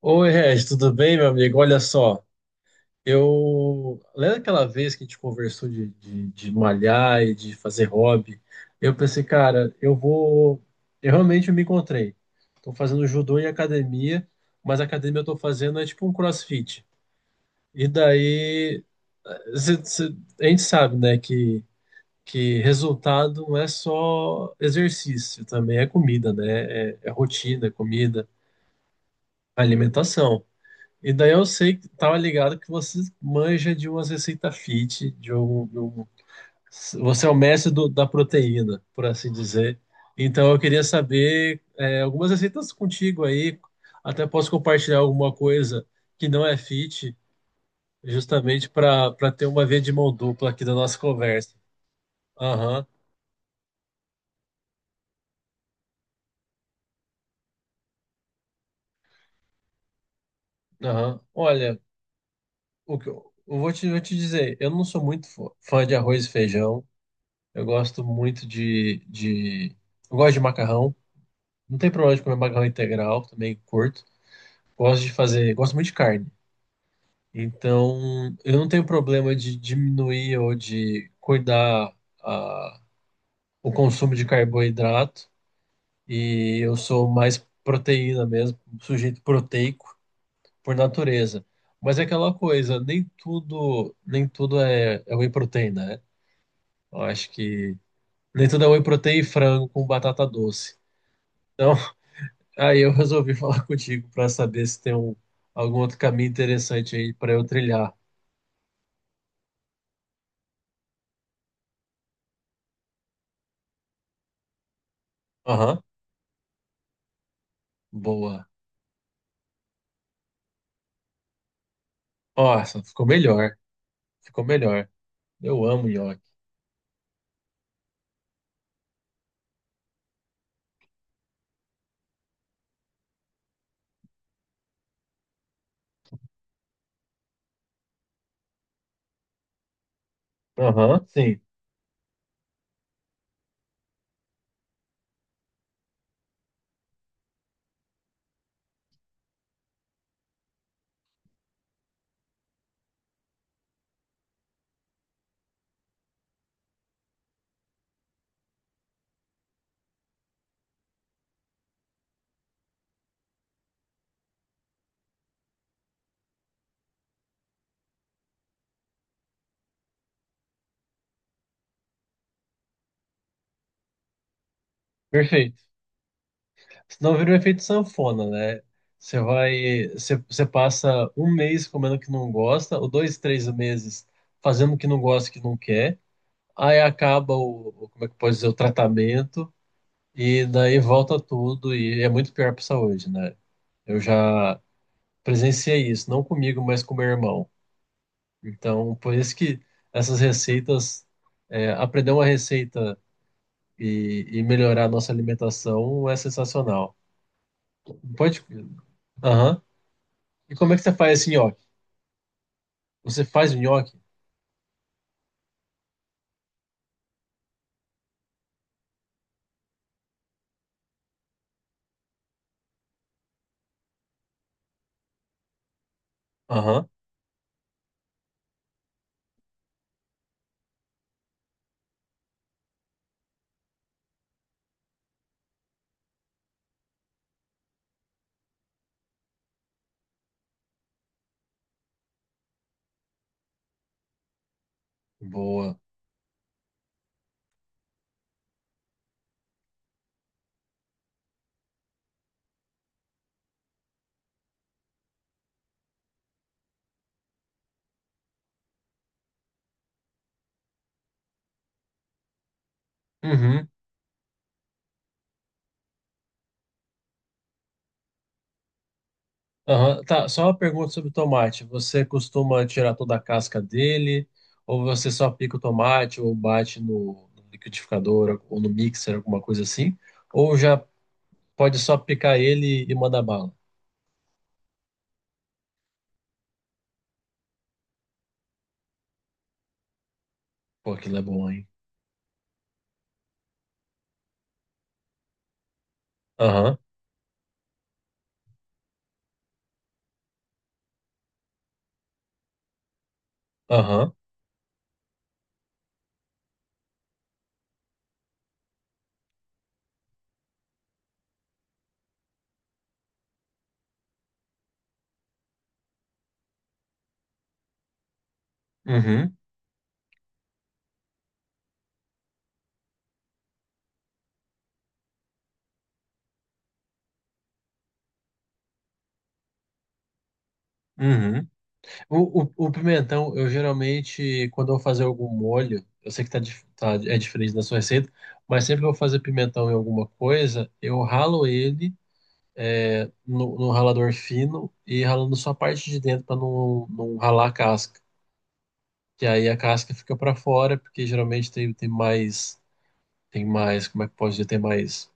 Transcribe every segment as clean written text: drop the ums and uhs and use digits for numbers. Oi, Regi, tudo bem, meu amigo? Olha só, eu. Lembra aquela vez que a gente conversou de malhar e de fazer hobby? Eu pensei, cara, eu vou. Eu realmente me encontrei. Tô fazendo judô em academia, mas a academia eu tô fazendo é tipo um crossfit. E daí. cê- cê- a gente sabe, né, que resultado não é só exercício, também é comida, né? É rotina, é comida, alimentação. E daí eu sei que tava ligado que você manja de umas receitas fit, você é o mestre da proteína, por assim dizer. Então eu queria saber algumas receitas contigo aí, até posso compartilhar alguma coisa que não é fit, justamente para ter uma via de mão dupla aqui da nossa conversa. Aham, aham. Olha, o que eu vou vou te dizer, eu não sou muito fã de arroz e feijão. Eu gosto muito de eu gosto de macarrão. Não tem problema de comer macarrão integral, também curto. Gosto de fazer, gosto muito de carne. Então, eu não tenho problema de diminuir ou de cuidar a, o consumo de carboidrato. E eu sou mais proteína mesmo, um sujeito proteico por natureza. Mas é aquela coisa, nem tudo, nem tudo é whey protein, né? Eu acho que nem tudo é whey protein e frango com batata doce. Então, aí eu resolvi falar contigo para saber se tem algum outro caminho interessante aí para eu trilhar. Aham, boa. Nossa, ficou melhor. Ficou melhor. Eu amo nhoque. Aham, sim. Perfeito. Senão vira um efeito sanfona, né? Você vai, você passa um mês comendo o que não gosta, ou dois, três meses fazendo o que não gosta, o que não quer. Aí acaba como é que pode dizer, o tratamento, e daí volta tudo, e é muito pior para a saúde, né? Eu já, presenciei isso, não comigo, mas com meu irmão. Então, por isso que essas receitas, é, aprender uma receita e melhorar a nossa alimentação é sensacional. Pode. Aham. E como é que você faz esse nhoque? Você faz o nhoque? Aham. Boa. Uhum. Aham. Tá, só uma pergunta sobre o tomate. Você costuma tirar toda a casca dele? Ou você só pica o tomate ou bate no liquidificador ou no mixer, alguma coisa assim? Ou já pode só picar ele e mandar bala. Pô, aquilo é bom, hein? Aham, aham, uhum, uhum. O pimentão, eu geralmente, quando eu vou fazer algum molho, eu sei que tá, é diferente da sua receita, mas sempre que eu vou fazer pimentão em alguma coisa, eu ralo ele eh, no ralador fino e ralando só a parte de dentro para não ralar a casca. Que aí a casca fica para fora, porque geralmente como é que pode dizer, tem mais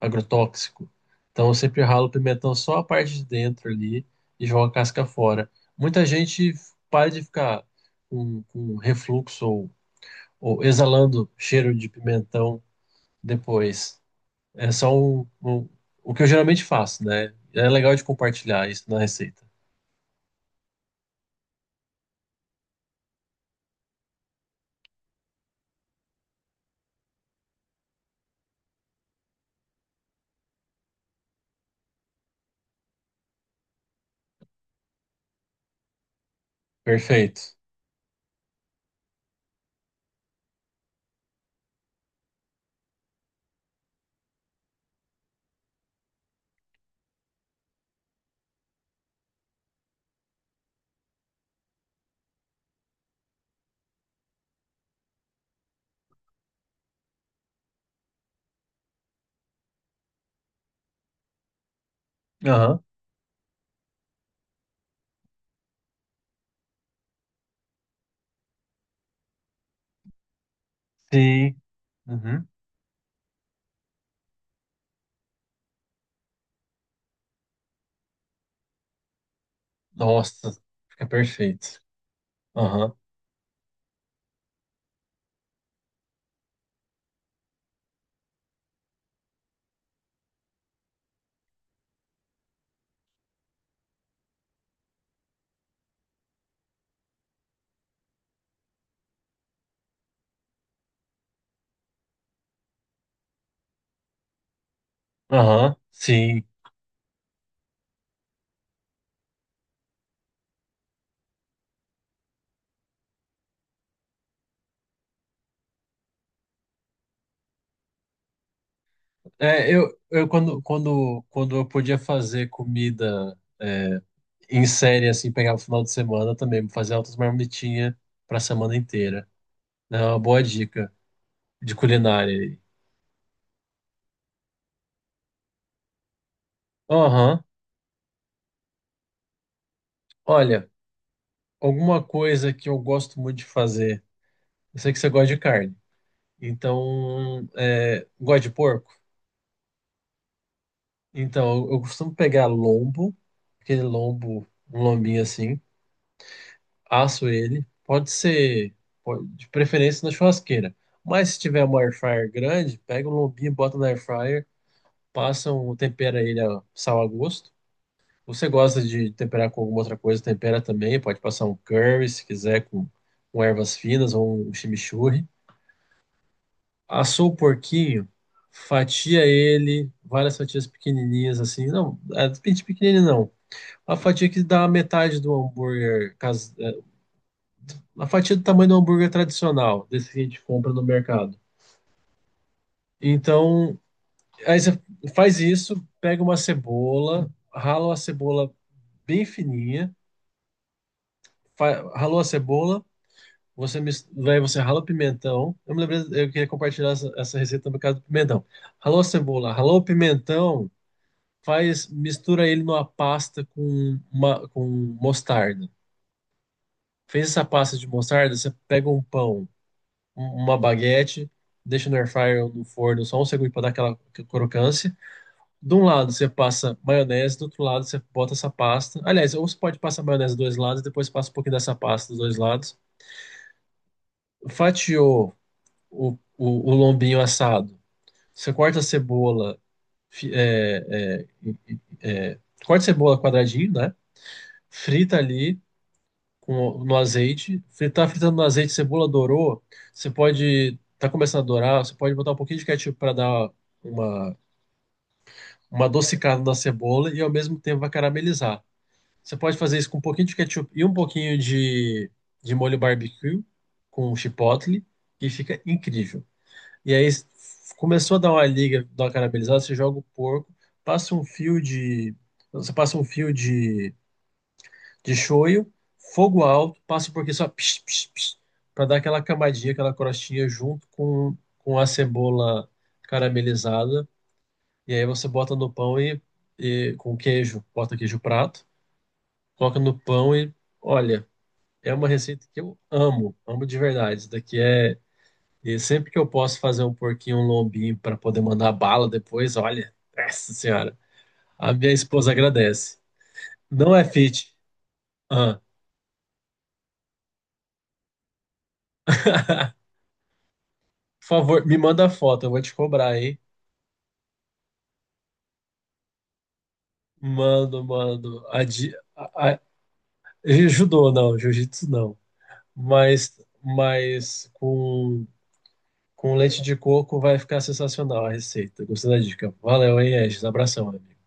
agrotóxico. Então eu sempre ralo o pimentão só a parte de dentro ali e jogo a casca fora. Muita gente para de ficar com refluxo ou exalando cheiro de pimentão depois. É só o que eu geralmente faço, né? É legal de compartilhar isso na receita. Perfeito. Aham. Sim. Uhum. Nossa, fica perfeito. Aham. Aham. Sim. É, quando eu podia fazer comida é, em série, assim, pegava o final de semana também, fazer altas marmitinhas pra semana inteira. É uma boa dica de culinária aí. Aham. Olha, alguma coisa que eu gosto muito de fazer. Eu sei que você gosta de carne. Então, é, gosta de porco? Então, eu costumo pegar lombo, aquele lombo, um lombinho assim. Asso ele. Pode ser, de preferência na churrasqueira. Mas se tiver uma air fryer grande, pega um lombinho, bota na air fryer, passa um, tempera ele a sal a gosto. Você gosta de temperar com alguma outra coisa, tempera também. Pode passar um curry, se quiser, com ervas finas ou um chimichurri. Assou o porquinho, fatia ele, várias fatias pequenininhas assim. Não, é, pequenininho não. A fatia que dá a metade do hambúrguer a fatia do tamanho do hambúrguer tradicional, desse que a gente compra no mercado. Então, aí você faz isso, pega uma cebola, rala a cebola bem fininha, ralou a cebola, daí você rala o pimentão. Eu me lembrei, eu queria compartilhar essa receita no caso do pimentão. Ralou a cebola, ralou o pimentão, faz, mistura ele numa pasta com, uma, com mostarda. Fez essa pasta de mostarda, você pega uma baguete, deixa no air fryer ou no forno só um segundo para dar aquela crocância. De um lado você passa maionese, do outro lado você bota essa pasta. Aliás, ou você pode passar maionese dos dois lados, depois passa um pouquinho dessa pasta dos dois lados. Fatiou o, o lombinho assado. Você corta a cebola, fi- é, é, corta a cebola quadradinho, né? Frita ali. Com, no azeite. Fritar fritando no azeite, cebola dourou. Você pode, tá começando a dourar, você pode botar um pouquinho de ketchup para dar uma, uma adocicada na cebola e ao mesmo tempo vai caramelizar. Você pode fazer isso com um pouquinho de ketchup e um pouquinho de molho barbecue com chipotle e fica incrível. E aí começou a dar uma liga, dar uma caramelizada, você joga o porco, passa você passa um fio de shoyu, fogo alto, passa porque só para dar aquela camadinha, aquela crostinha junto com a cebola caramelizada. E aí você bota no pão e com queijo, bota queijo prato, coloca no pão e olha, é uma receita que eu amo, amo de verdade. Isso daqui é e sempre que eu posso fazer um porquinho, um lombinho para poder mandar bala depois, olha, nossa senhora, a minha esposa agradece. Não é fit. Ah. Por favor, me manda a foto, eu vou te cobrar, hein? Mando, mando. A, di- a- judô não, jiu-jitsu não. Mas, com leite de coco vai ficar sensacional a receita. Gostei da dica. Valeu, hein, Regis? Abração, amigo.